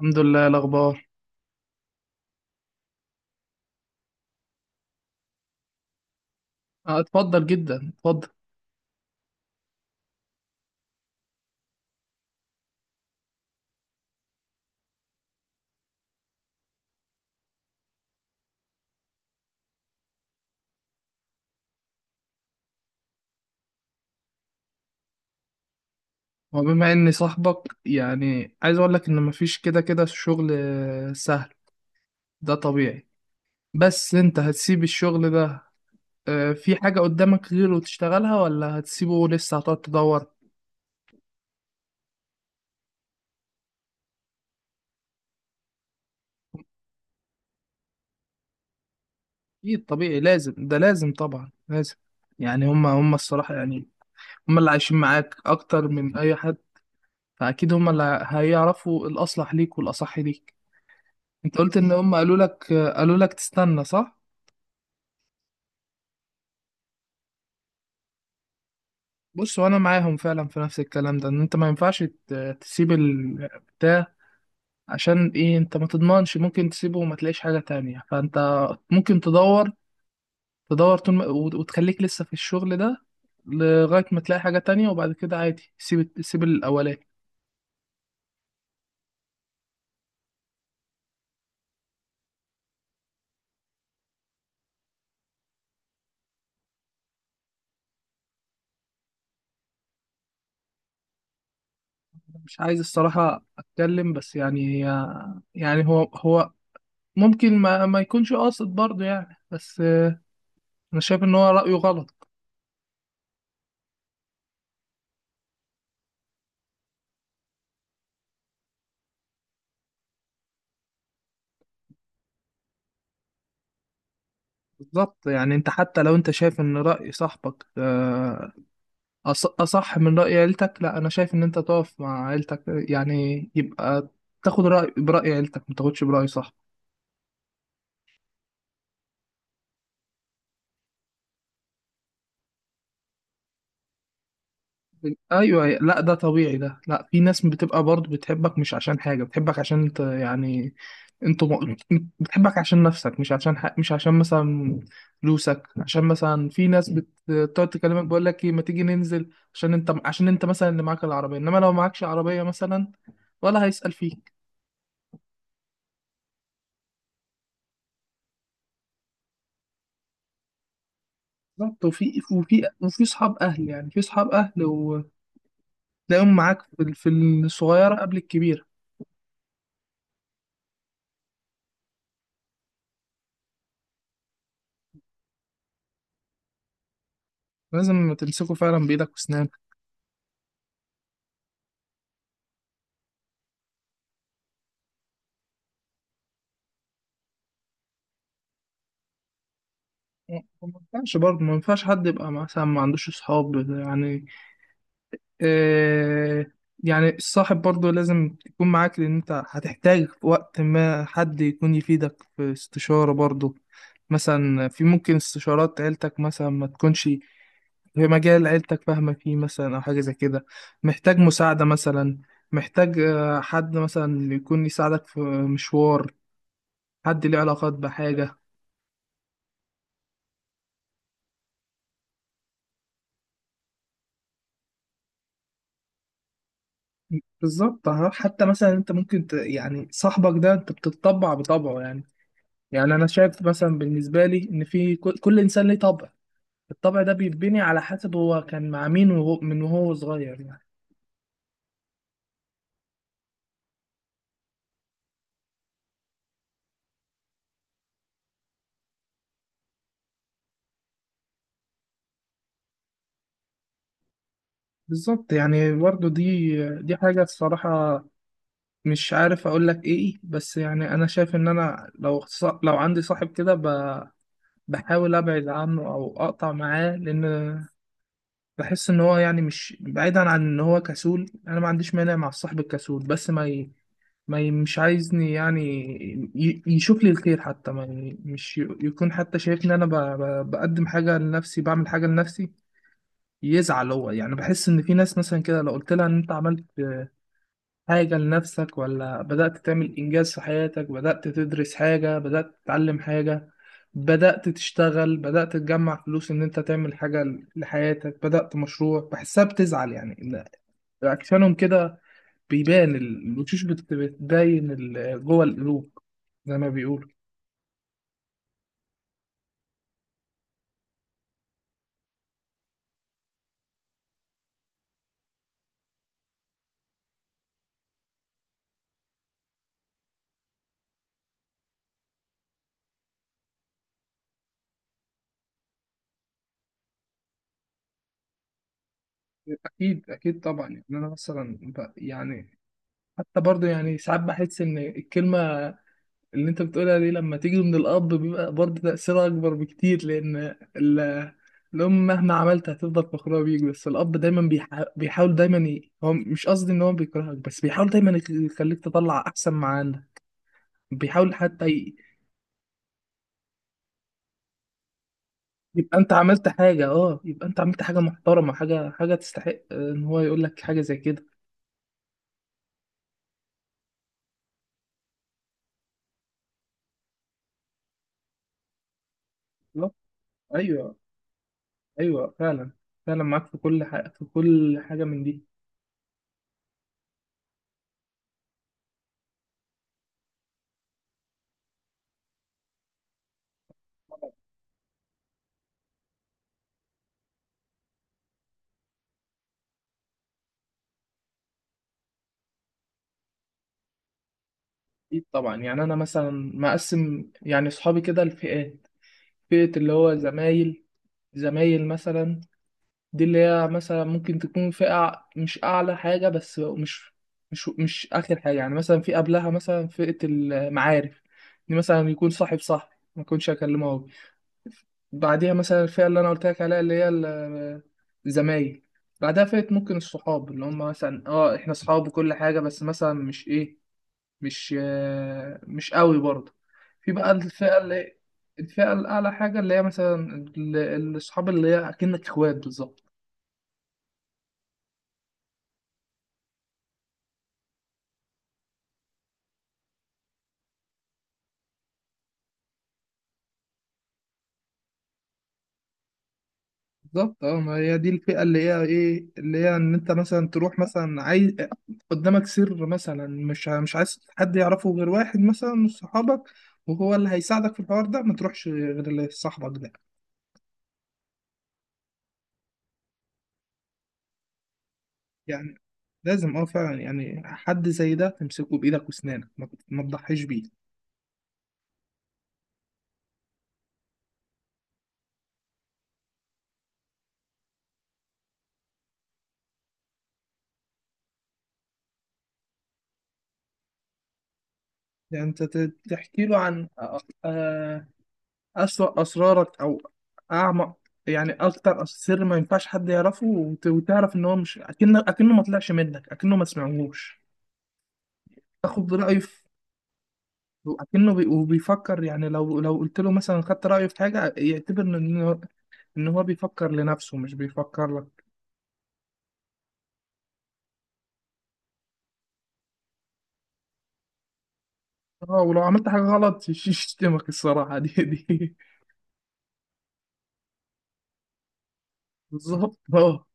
الحمد لله. إيه الأخبار؟ اتفضل، جدا اتفضل. وبما إني صاحبك يعني عايز أقول لك إن مفيش كده كده شغل سهل. ده طبيعي. بس أنت هتسيب الشغل ده؟ في حاجة قدامك غيره تشتغلها، ولا هتسيبه لسه هتقعد تدور؟ أكيد طبيعي لازم، ده لازم طبعا، لازم. يعني هما الصراحة يعني، هما اللي عايشين معاك أكتر من أي حد، فأكيد هما اللي هيعرفوا الأصلح ليك والأصح ليك. أنت قلت إن هما قالوا لك، قالوا لك تستنى، صح؟ بص، وانا معاهم فعلا في نفس الكلام ده، ان انت ما ينفعش تسيب البتاع. عشان ايه؟ انت ما تضمنش ممكن تسيبه وما تلاقيش حاجة تانية، فانت ممكن تدور. تدور طول ما، وتخليك لسه في الشغل ده لغاية ما تلاقي حاجة تانية، وبعد كده عادي سيب سيب الأولاني. مش عايز الصراحة أتكلم، بس يعني، يعني هو ممكن ما يكونش قاصد برضه يعني، بس أنا شايف إن هو رأيه غلط. بالظبط، يعني أنت حتى لو أنت شايف إن رأي صاحبك أصح من رأي عيلتك، لا أنا شايف إن أنت تقف مع عيلتك، يعني يبقى تاخد رأي برأي عيلتك ما تاخدش برأي صح. أيوه أيوه. لا ده طبيعي، ده لا، في ناس بتبقى برضه بتحبك مش عشان حاجة، بتحبك عشان أنت يعني، أنت م... بتحبك عشان نفسك، مش عشان مش عشان مثلا فلوسك، عشان مثلا في ناس بتقعد تكلمك بقول لك إيه ما تيجي ننزل، عشان أنت، عشان أنت مثلا اللي معاك العربية، إنما لو معكش عربية مثلا ولا هيسأل فيك. بالظبط، وفي اصحاب اهل، يعني في اصحاب اهل وتلاقيهم معاك في في الصغيره قبل الكبيره. لازم تمسكه فعلا بايدك واسنانك. ما ينفعش برضه، ما ينفعش حد يبقى مثلا ما عندوش اصحاب يعني، آه. يعني الصاحب برضه لازم يكون معاك، لان انت هتحتاج في وقت ما حد يكون يفيدك في استشاره برضه، مثلا في ممكن استشارات عيلتك مثلا ما تكونش في مجال عيلتك فاهمة فيه مثلا، أو حاجة زي كده. محتاج مساعدة مثلا، محتاج حد مثلا يكون يساعدك في مشوار، حد ليه علاقات بحاجة. بالظبط حتى مثلا أنت يعني صاحبك ده أنت بتطبع بطبعه يعني، يعني أنا شايف مثلا بالنسبة لي إن في كل إنسان ليه طبع، الطبع ده بيتبني على حسب هو كان مع مين، وهو صغير يعني. بالظبط، يعني برضه دي حاجة الصراحة. مش عارف اقول لك ايه، بس يعني انا شايف ان انا لو لو عندي صاحب كده، بحاول ابعد عنه او اقطع معاه، لان بحس ان هو يعني مش بعيدا عن ان هو كسول. انا ما عنديش مانع مع الصاحب الكسول، بس ما ي... ما ي... مش عايزني يعني يشوف لي الخير، حتى ما ي... مش ي... يكون حتى شايفني انا بقدم حاجة لنفسي، بعمل حاجة لنفسي، يزعل هو يعني. بحس ان في ناس مثلا كده لو قلت لها ان انت عملت حاجة لنفسك، ولا بدأت تعمل إنجاز في حياتك، بدأت تدرس حاجة، بدأت تتعلم حاجة، بدأت تشتغل، بدأت تجمع فلوس، إن أنت تعمل حاجة لحياتك، بدأت مشروع، بحسها بتزعل يعني، إن عكسانهم كده. بيبان الوشوش، بتبين جوه القلوب، زي ما بيقولوا. أكيد أكيد طبعا، يعني أنا مثلا يعني حتى برضه يعني ساعات بحس إن الكلمة اللي انت بتقولها دي لما تيجي من الاب بيبقى برضه تأثيرها اكبر بكتير، لان الام مهما عملت هتفضل فخورة بيك، بس الاب دايما بيحاول دايما هو مش قصدي ان هو بيكرهك، بس بيحاول دايما يخليك تطلع احسن ما عندك. بيحاول حتى يبقى انت عملت حاجة، اه يبقى انت عملت حاجة محترمة، حاجة، حاجة تستحق ان هو يقول لك حاجة زي كده. لا ايوه ايوه، فعلا فعلا معاك، في كل حاجة، في كل حاجة من دي. اكيد طبعا، يعني انا مثلا مقسم يعني اصحابي كده لفئات. فئة اللي هو زمايل، زمايل مثلا، دي اللي هي مثلا ممكن تكون فئة مش أعلى حاجة، بس مش آخر حاجة، يعني مثلا في قبلها مثلا فئة المعارف، دي مثلا يكون صاحب صاحبي ما يكونش أكلمه هو. بعديها مثلا الفئة اللي أنا قلت لك عليها اللي هي الزمايل. بعدها فئة ممكن الصحاب اللي هم مثلا اه احنا صحاب وكل حاجة، بس مثلا مش ايه، مش قوي برضه. في بقى الفئة اللي، الفئة الأعلى حاجة اللي هي مثلا الأصحاب اللي هي أكنك إخوات بالظبط. بالظبط اه، ما هي دي الفئة اللي هي إيه، اللي هي إن أنت مثلا تروح مثلا عايز قدامك سر مثلا، مش عايز حد يعرفه غير واحد مثلا من صحابك، وهو اللي هيساعدك في الحوار ده، ما تروحش غير اللي صاحبك ده يعني. لازم، اه فعلا، يعني حد زي ده تمسكه بإيدك وأسنانك، ما تضحيش بيه. يعني انت تحكي له عن آه، أسوأ أسرارك، أو أعمق، يعني أكتر سر ما ينفعش حد يعرفه، وتعرف إن هو مش، أكنه، أكنه ما طلعش منك، أكنه ما سمعهوش. تاخد رأيه في، أكنه وبيفكر يعني، لو لو قلت له مثلا، خدت رأيه في حاجة يعتبر إن إن هو بيفكر لنفسه مش بيفكر لك. اه ولو عملت حاجة غلط يشتمك الصراحة دي. بالظبط اه.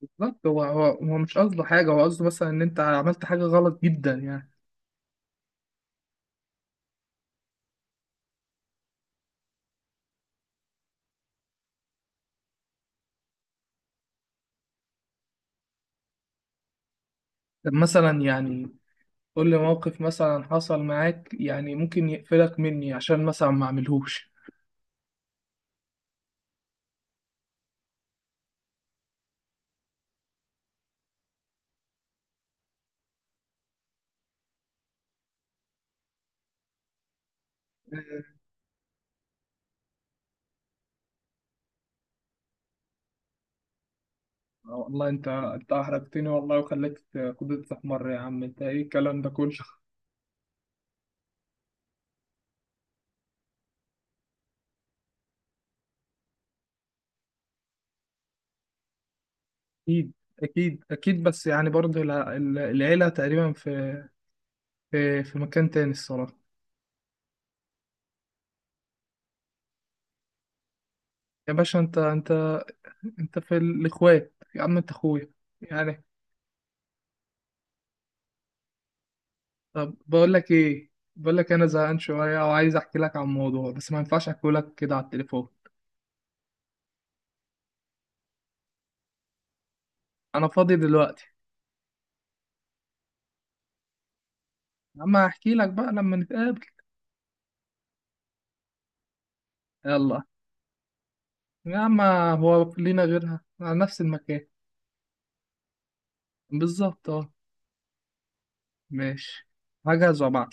بالظبط، هو مش قصده حاجة، هو قصده مثلا إن أنت عملت حاجة غلط جدا يعني. طب مثلا يعني قول لي موقف مثلا حصل معاك، يعني ممكن يقفلك مني عشان مثلا ما اعملهوش. آه، والله انت احرجتني والله، وخليت قدرتي تحمر، يا عم انت ايه الكلام ده كله. اكيد، اكيد اكيد، بس يعني برضه العيله تقريبا في في مكان تاني الصراحه. يا باشا انت في الاخوات، يا عم انت اخويا يعني. طب بقول لك ايه، بقول لك انا زهقان شويه وعايز احكي لك عن موضوع، بس ما ينفعش احكي لك كده على التليفون. انا فاضي دلوقتي. اما احكي لك بقى لما نتقابل. يلا، يا اما هو لينا غيرها على نفس المكان؟ بالظبط اه. ماشي، هجهز وابعت.